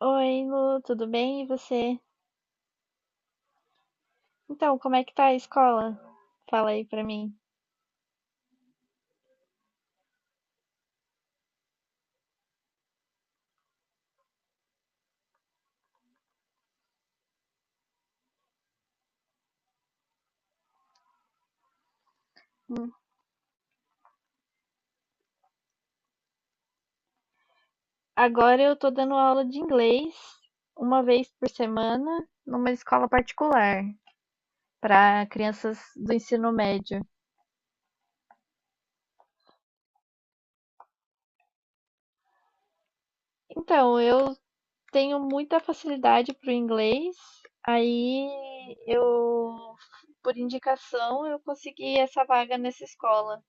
Oi, Lu, tudo bem? E você? Então, como é que tá a escola? Fala aí pra mim. Agora eu tô dando aula de inglês uma vez por semana numa escola particular para crianças do ensino médio. Então, eu tenho muita facilidade para o inglês, aí eu, por indicação, eu consegui essa vaga nessa escola.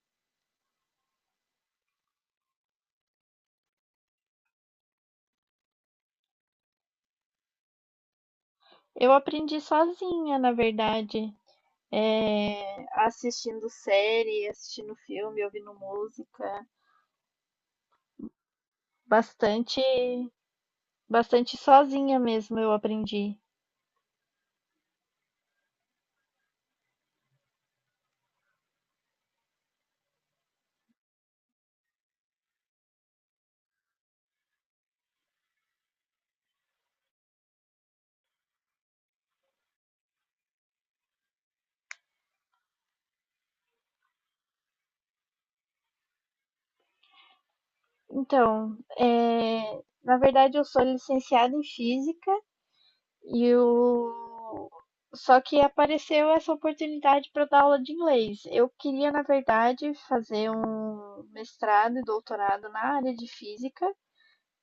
Eu aprendi sozinha, na verdade. É, assistindo série, assistindo filme, ouvindo música. Bastante, bastante sozinha mesmo eu aprendi. Então, na verdade eu sou licenciada em física e eu, só que apareceu essa oportunidade para dar aula de inglês. Eu queria, na verdade, fazer um mestrado e doutorado na área de física,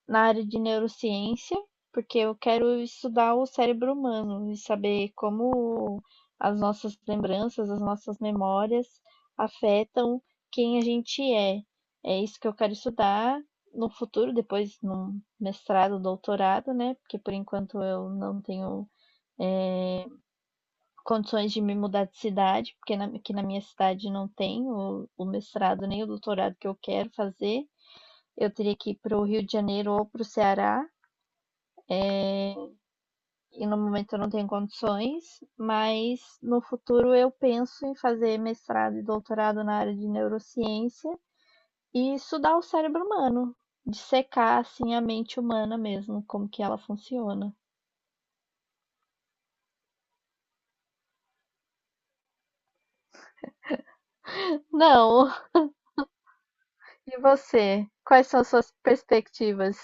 na área de neurociência, porque eu quero estudar o cérebro humano e saber como as nossas lembranças, as nossas memórias afetam quem a gente é. É isso que eu quero estudar no futuro, depois num mestrado, doutorado, né? Porque por enquanto eu não tenho condições de me mudar de cidade, porque aqui na minha cidade não tem o mestrado nem o doutorado que eu quero fazer. Eu teria que ir para o Rio de Janeiro ou para o Ceará, e no momento eu não tenho condições, mas no futuro eu penso em fazer mestrado e doutorado na área de neurociência e estudar o cérebro humano, dissecar assim a mente humana mesmo, como que ela funciona. Não. E você? Quais são as suas perspectivas?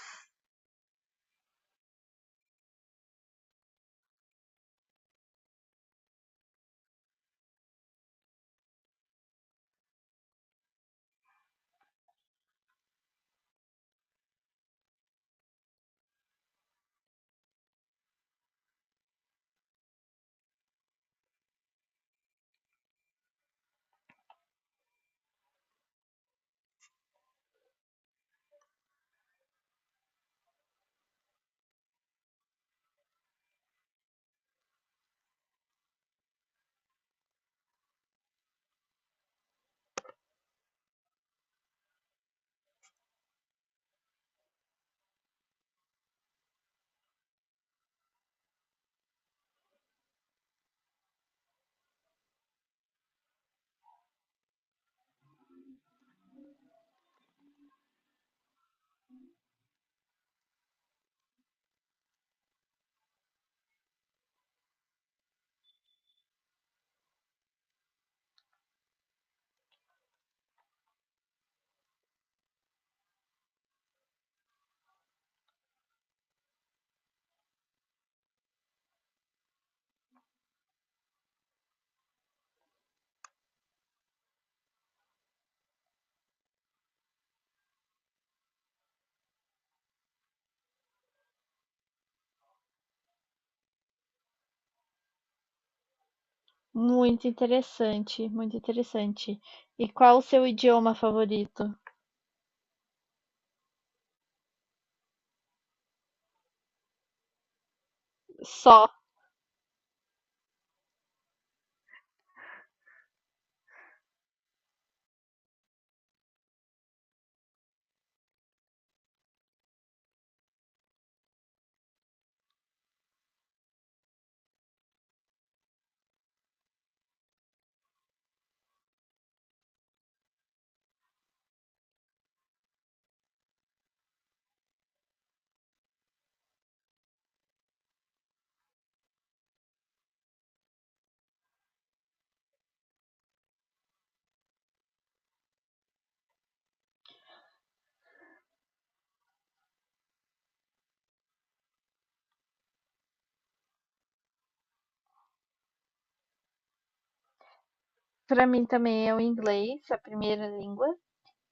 Muito interessante, muito interessante. E qual o seu idioma favorito? Só. Para mim também é o inglês, a primeira língua.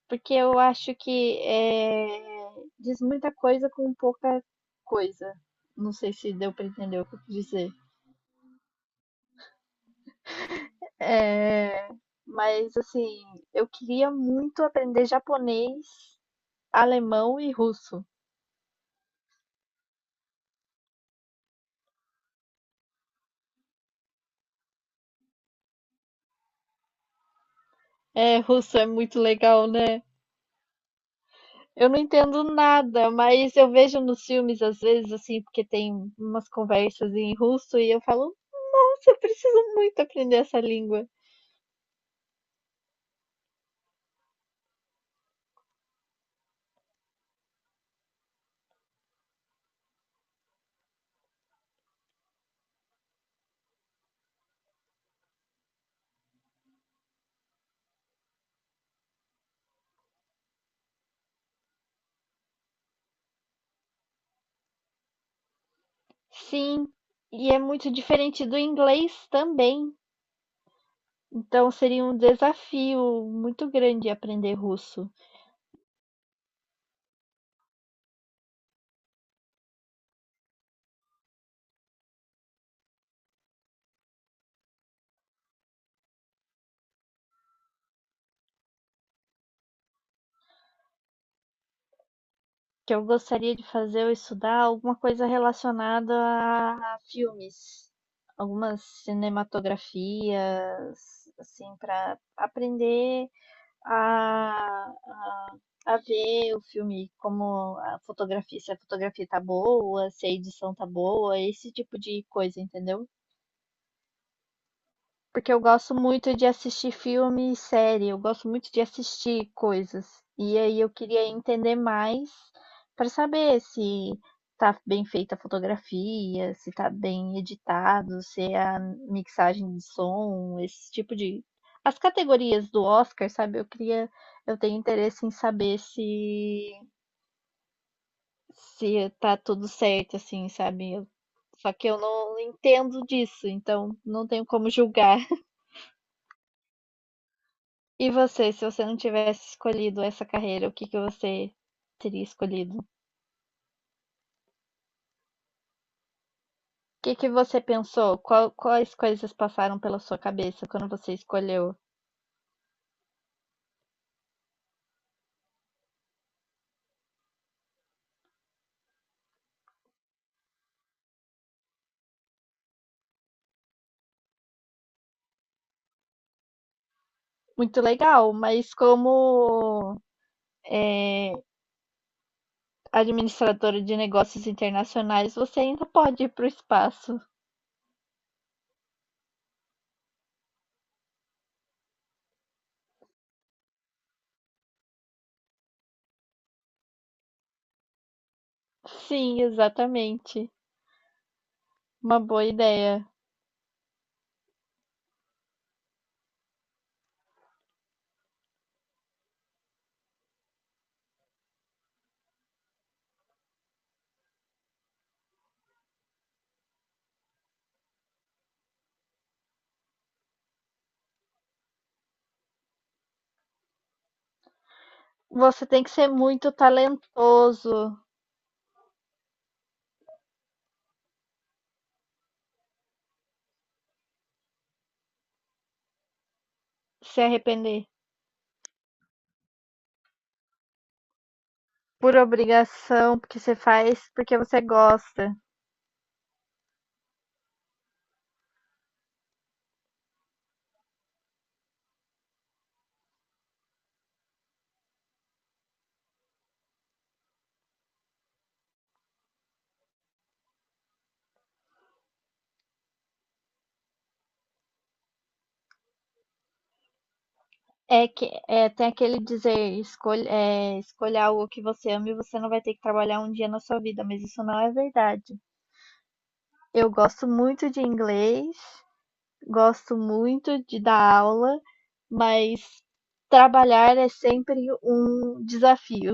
Porque eu acho que diz muita coisa com pouca coisa. Não sei se deu para entender o que eu quis dizer. Eh, mas assim, eu queria muito aprender japonês, alemão e russo. É, russo é muito legal, né? Eu não entendo nada, mas eu vejo nos filmes às vezes assim, porque tem umas conversas em russo e eu falo, nossa, eu preciso muito aprender essa língua. Sim, e é muito diferente do inglês também. Então seria um desafio muito grande aprender russo, que eu gostaria de fazer ou estudar alguma coisa relacionada a filmes, algumas cinematografias, assim, para aprender a, a, a ver o filme, como a fotografia, se a fotografia tá boa, se a edição tá boa, esse tipo de coisa, entendeu? Porque eu gosto muito de assistir filme e série, eu gosto muito de assistir coisas. E aí eu queria entender mais para saber se tá bem feita a fotografia, se tá bem editado, se é a mixagem de som, esse tipo de. As categorias do Oscar, sabe? Eu queria. Eu tenho interesse em saber se tá tudo certo, assim, sabe? Eu- Só que eu não entendo disso, então não tenho como julgar. E você, se você não tivesse escolhido essa carreira, o que que você teria escolhido? O que que você pensou? Qual- quais coisas passaram pela sua cabeça quando você escolheu? Muito legal, mas como é, administradora de negócios internacionais, você ainda pode ir para o espaço. Sim, exatamente. Uma boa ideia. Você tem que ser muito talentoso, se arrepender por obrigação, porque você faz porque você gosta. Tem aquele dizer, escolha, escolha algo que você ama e você não vai ter que trabalhar um dia na sua vida, mas isso não é verdade. Eu gosto muito de inglês, gosto muito de dar aula, mas trabalhar é sempre um desafio.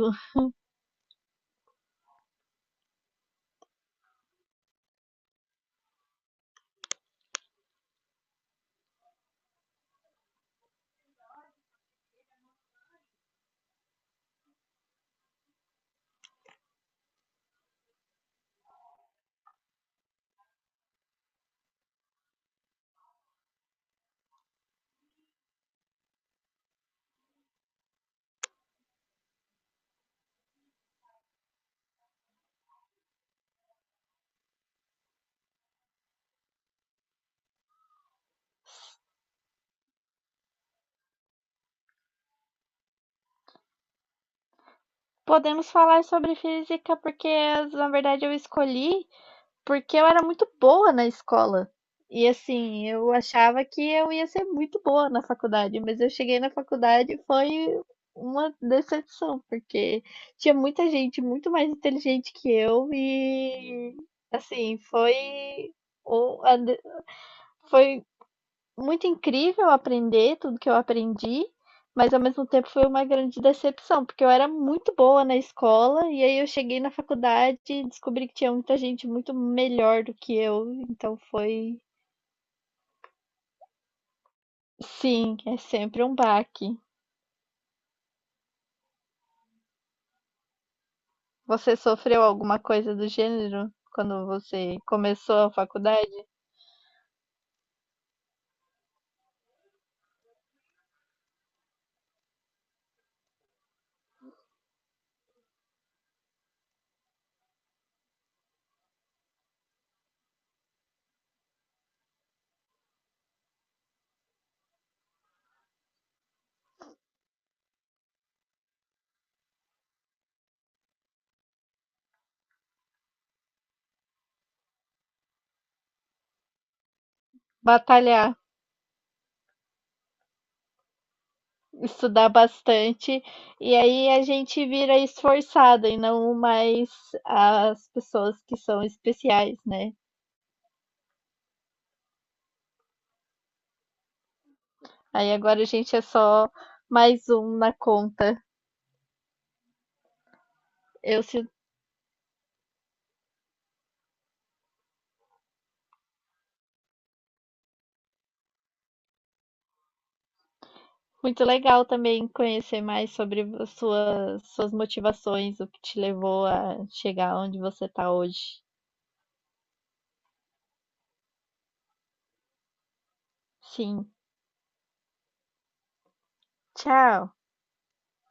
Podemos falar sobre física porque, na verdade, eu escolhi porque eu era muito boa na escola. E assim, eu achava que eu ia ser muito boa na faculdade, mas eu cheguei na faculdade e foi uma decepção, porque tinha muita gente muito mais inteligente que eu e assim, foi o- a de- foi muito incrível aprender tudo que eu aprendi, mas ao mesmo tempo foi uma grande decepção, porque eu era muito boa na escola e aí eu cheguei na faculdade e descobri que tinha muita gente muito melhor do que eu, então foi, sim, é sempre um baque. Você sofreu alguma coisa do gênero quando você começou a faculdade? Batalhar, estudar bastante, e aí a gente vira esforçada e não mais as pessoas que são especiais, né? Aí agora a gente é só mais um na conta. Eu sinto muito legal também conhecer mais sobre as suas motivações, o que te levou a chegar onde você está hoje. Sim, tchau!